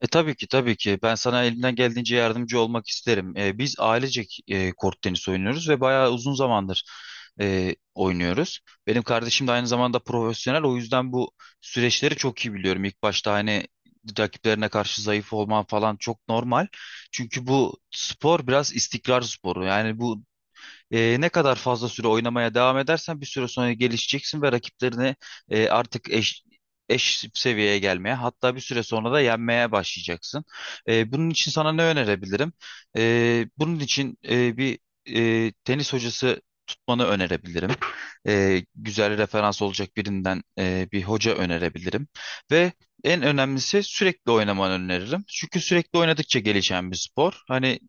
Tabii ki, tabii ki. Ben sana elimden geldiğince yardımcı olmak isterim. Biz ailecek kort tenisi oynuyoruz ve bayağı uzun zamandır oynuyoruz. Benim kardeşim de aynı zamanda profesyonel. O yüzden bu süreçleri çok iyi biliyorum. İlk başta hani rakiplerine karşı zayıf olman falan çok normal. Çünkü bu spor biraz istikrar sporu. Yani ne kadar fazla süre oynamaya devam edersen bir süre sonra gelişeceksin ve rakiplerini artık eş seviyeye gelmeye, hatta bir süre sonra da yenmeye başlayacaksın. Bunun için sana ne önerebilirim? Bunun için tenis hocası tutmanı önerebilirim. Güzel referans olacak birinden bir hoca önerebilirim. Ve en önemlisi sürekli oynamanı öneririm. Çünkü sürekli oynadıkça gelişen bir spor. Hani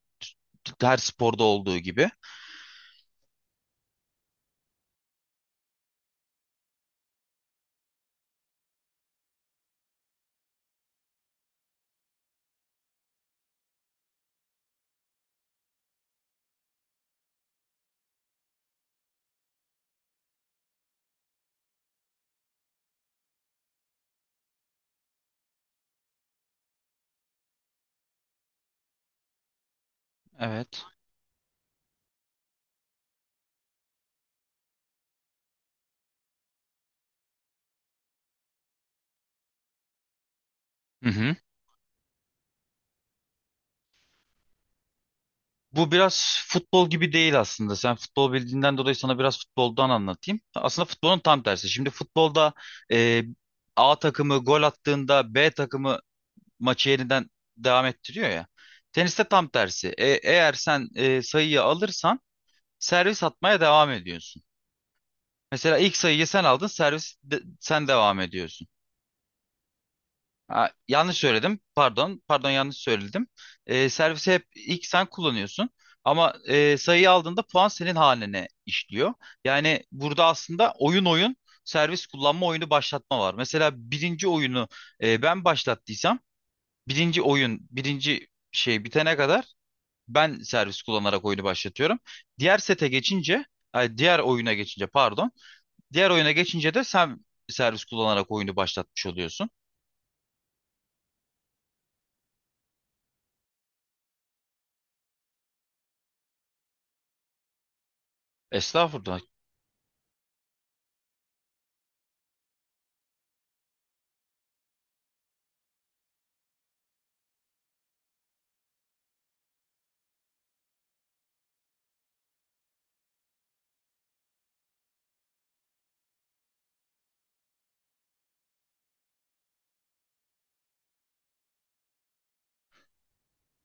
her sporda olduğu gibi. Evet. Hı hı. Bu biraz futbol gibi değil aslında. Sen futbol bildiğinden dolayı sana biraz futboldan anlatayım. Aslında futbolun tam tersi. Şimdi futbolda e, A takımı gol attığında B takımı maçı yeniden devam ettiriyor ya. Teniste tam tersi. Eğer sen sayıyı alırsan servis atmaya devam ediyorsun. Mesela ilk sayıyı sen aldın, sen devam ediyorsun. Ha, yanlış söyledim. Pardon. Pardon, yanlış söyledim. Servisi hep ilk sen kullanıyorsun. Ama sayıyı aldığında puan senin haline işliyor. Yani burada aslında oyun servis kullanma, oyunu başlatma var. Mesela birinci oyunu ben başlattıysam birinci oyun, birinci şey bitene kadar ben servis kullanarak oyunu başlatıyorum. Diğer sete geçince diğer oyuna geçince pardon. Diğer oyuna geçince de sen servis kullanarak oyunu başlatmış oluyorsun. Estağfurullah.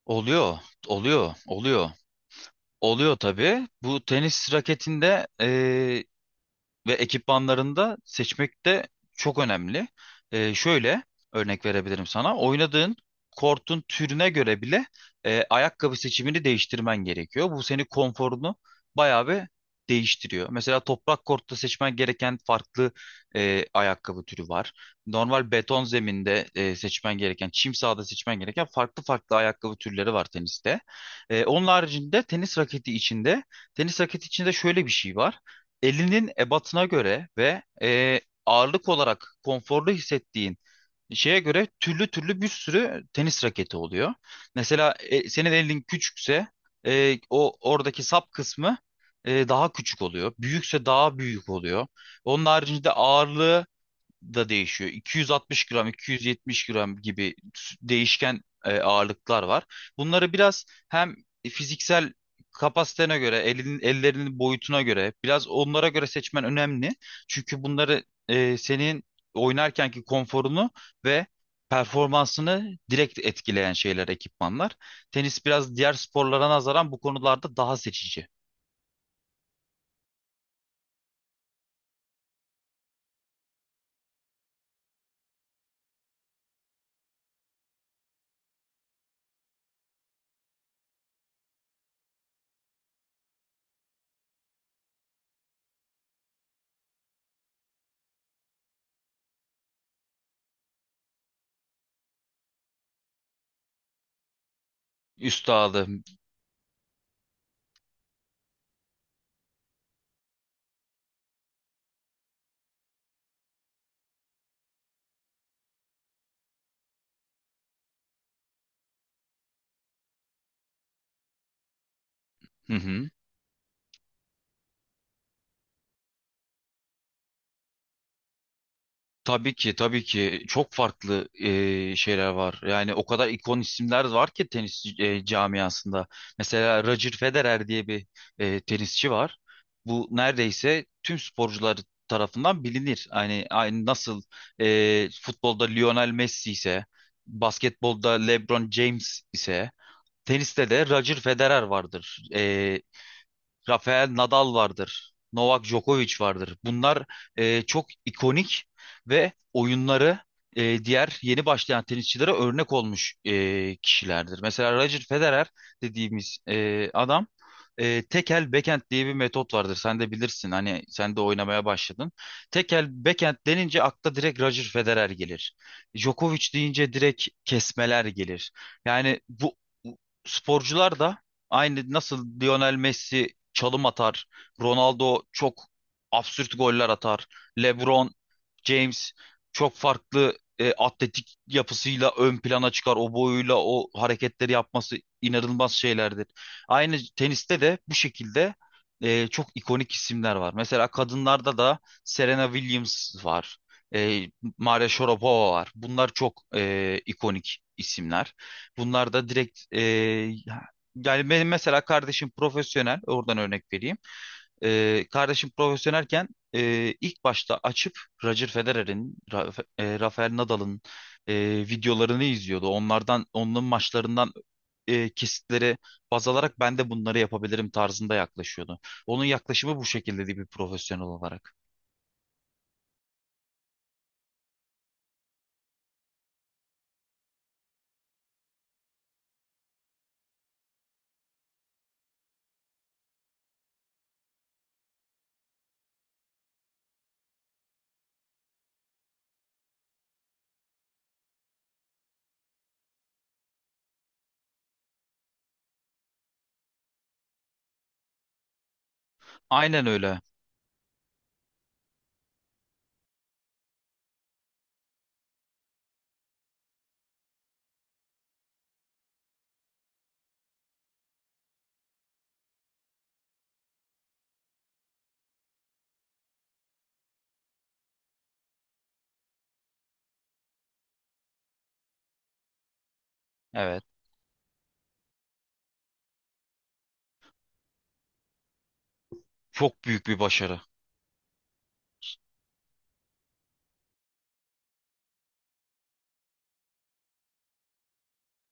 Oluyor, oluyor, oluyor. Oluyor tabii. Bu tenis raketinde ve ekipmanlarında seçmek de çok önemli. Şöyle örnek verebilirim sana. Oynadığın kortun türüne göre bile ayakkabı seçimini değiştirmen gerekiyor. Bu seni, konforunu bayağı bir değiştiriyor. Mesela toprak kortta seçmen gereken farklı ayakkabı türü var. Normal beton zeminde seçmen gereken, çim sahada seçmen gereken farklı farklı ayakkabı türleri var teniste. Onun haricinde tenis raketi içinde şöyle bir şey var: elinin ebatına göre ve ağırlık olarak konforlu hissettiğin şeye göre türlü türlü bir sürü tenis raketi oluyor. Mesela senin elin küçükse o oradaki sap kısmı daha küçük oluyor. Büyükse daha büyük oluyor. Onun haricinde ağırlığı da değişiyor. 260 gram, 270 gram gibi değişken ağırlıklar var. Bunları biraz hem fiziksel kapasitene göre, ellerinin boyutuna göre, biraz onlara göre seçmen önemli. Çünkü bunları senin oynarkenki konforunu ve performansını direkt etkileyen şeyler, ekipmanlar. Tenis biraz diğer sporlara nazaran bu konularda daha seçici. Üstadı. Hı hı. Tabii ki, tabii ki, çok farklı şeyler var. Yani o kadar ikon isimler var ki tenis camiasında. Mesela Roger Federer diye bir tenisçi var. Bu neredeyse tüm sporcular tarafından bilinir. Hani aynı nasıl futbolda Lionel Messi ise, basketbolda LeBron James ise, teniste de Roger Federer vardır. Rafael Nadal vardır. Novak Djokovic vardır. Bunlar çok ikonik ve oyunları diğer yeni başlayan tenisçilere örnek olmuş kişilerdir. Mesela Roger Federer dediğimiz adam, tekel backhand diye bir metot vardır. Sen de bilirsin. Hani sen de oynamaya başladın. Tekel backhand denince akla direkt Roger Federer gelir. Djokovic deyince direkt kesmeler gelir. Yani bu sporcular da aynı nasıl Lionel Messi çalım atar, Ronaldo çok absürt goller atar, LeBron James çok farklı atletik yapısıyla ön plana çıkar. O boyuyla o hareketleri yapması inanılmaz şeylerdir. Aynı teniste de bu şekilde çok ikonik isimler var. Mesela kadınlarda da Serena Williams var. E, Maria Sharapova var. Bunlar çok ikonik isimler. Bunlar da direkt yani benim mesela kardeşim profesyonel, oradan örnek vereyim. Kardeşim profesyonelken ilk başta açıp Roger Federer'in, Rafael Nadal'ın e, videolarını izliyordu. Onlardan, onların maçlarından kesitleri baz alarak ben de bunları yapabilirim tarzında yaklaşıyordu. Onun yaklaşımı bu şekildeydi, bir profesyonel olarak. Aynen öyle. Evet. Çok büyük bir başarı.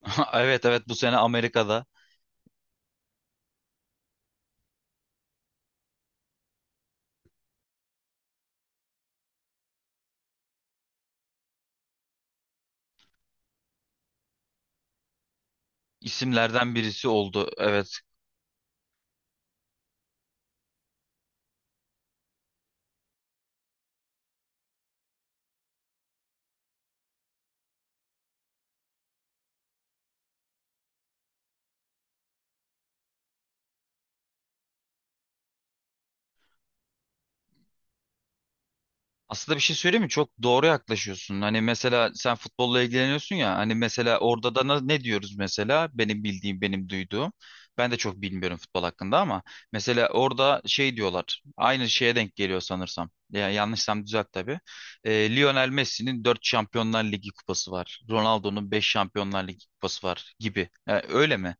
Evet, evet, bu sene Amerika'da isimlerden birisi oldu. Evet. Aslında bir şey söyleyeyim mi? Çok doğru yaklaşıyorsun. Hani mesela sen futbolla ilgileniyorsun ya. Hani mesela orada da ne diyoruz mesela? Benim bildiğim, benim duyduğum. Ben de çok bilmiyorum futbol hakkında, ama mesela orada şey diyorlar. Aynı şeye denk geliyor sanırsam. Ya yanlışsam düzelt tabii. Lionel Messi'nin 4 Şampiyonlar Ligi kupası var, Ronaldo'nun 5 Şampiyonlar Ligi kupası var gibi. Yani öyle mi?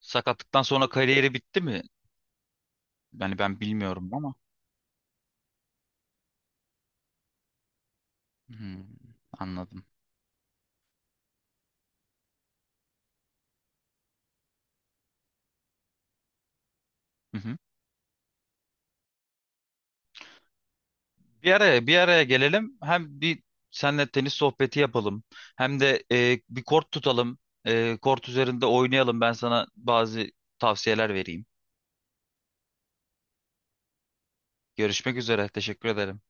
Sakatlıktan sonra kariyeri bitti mi? Yani ben bilmiyorum ama. Hmm, anladım. Bir araya gelelim. Hem bir senle tenis sohbeti yapalım. Hem de bir kort tutalım. Kort üzerinde oynayalım. Ben sana bazı tavsiyeler vereyim. Görüşmek üzere. Teşekkür ederim.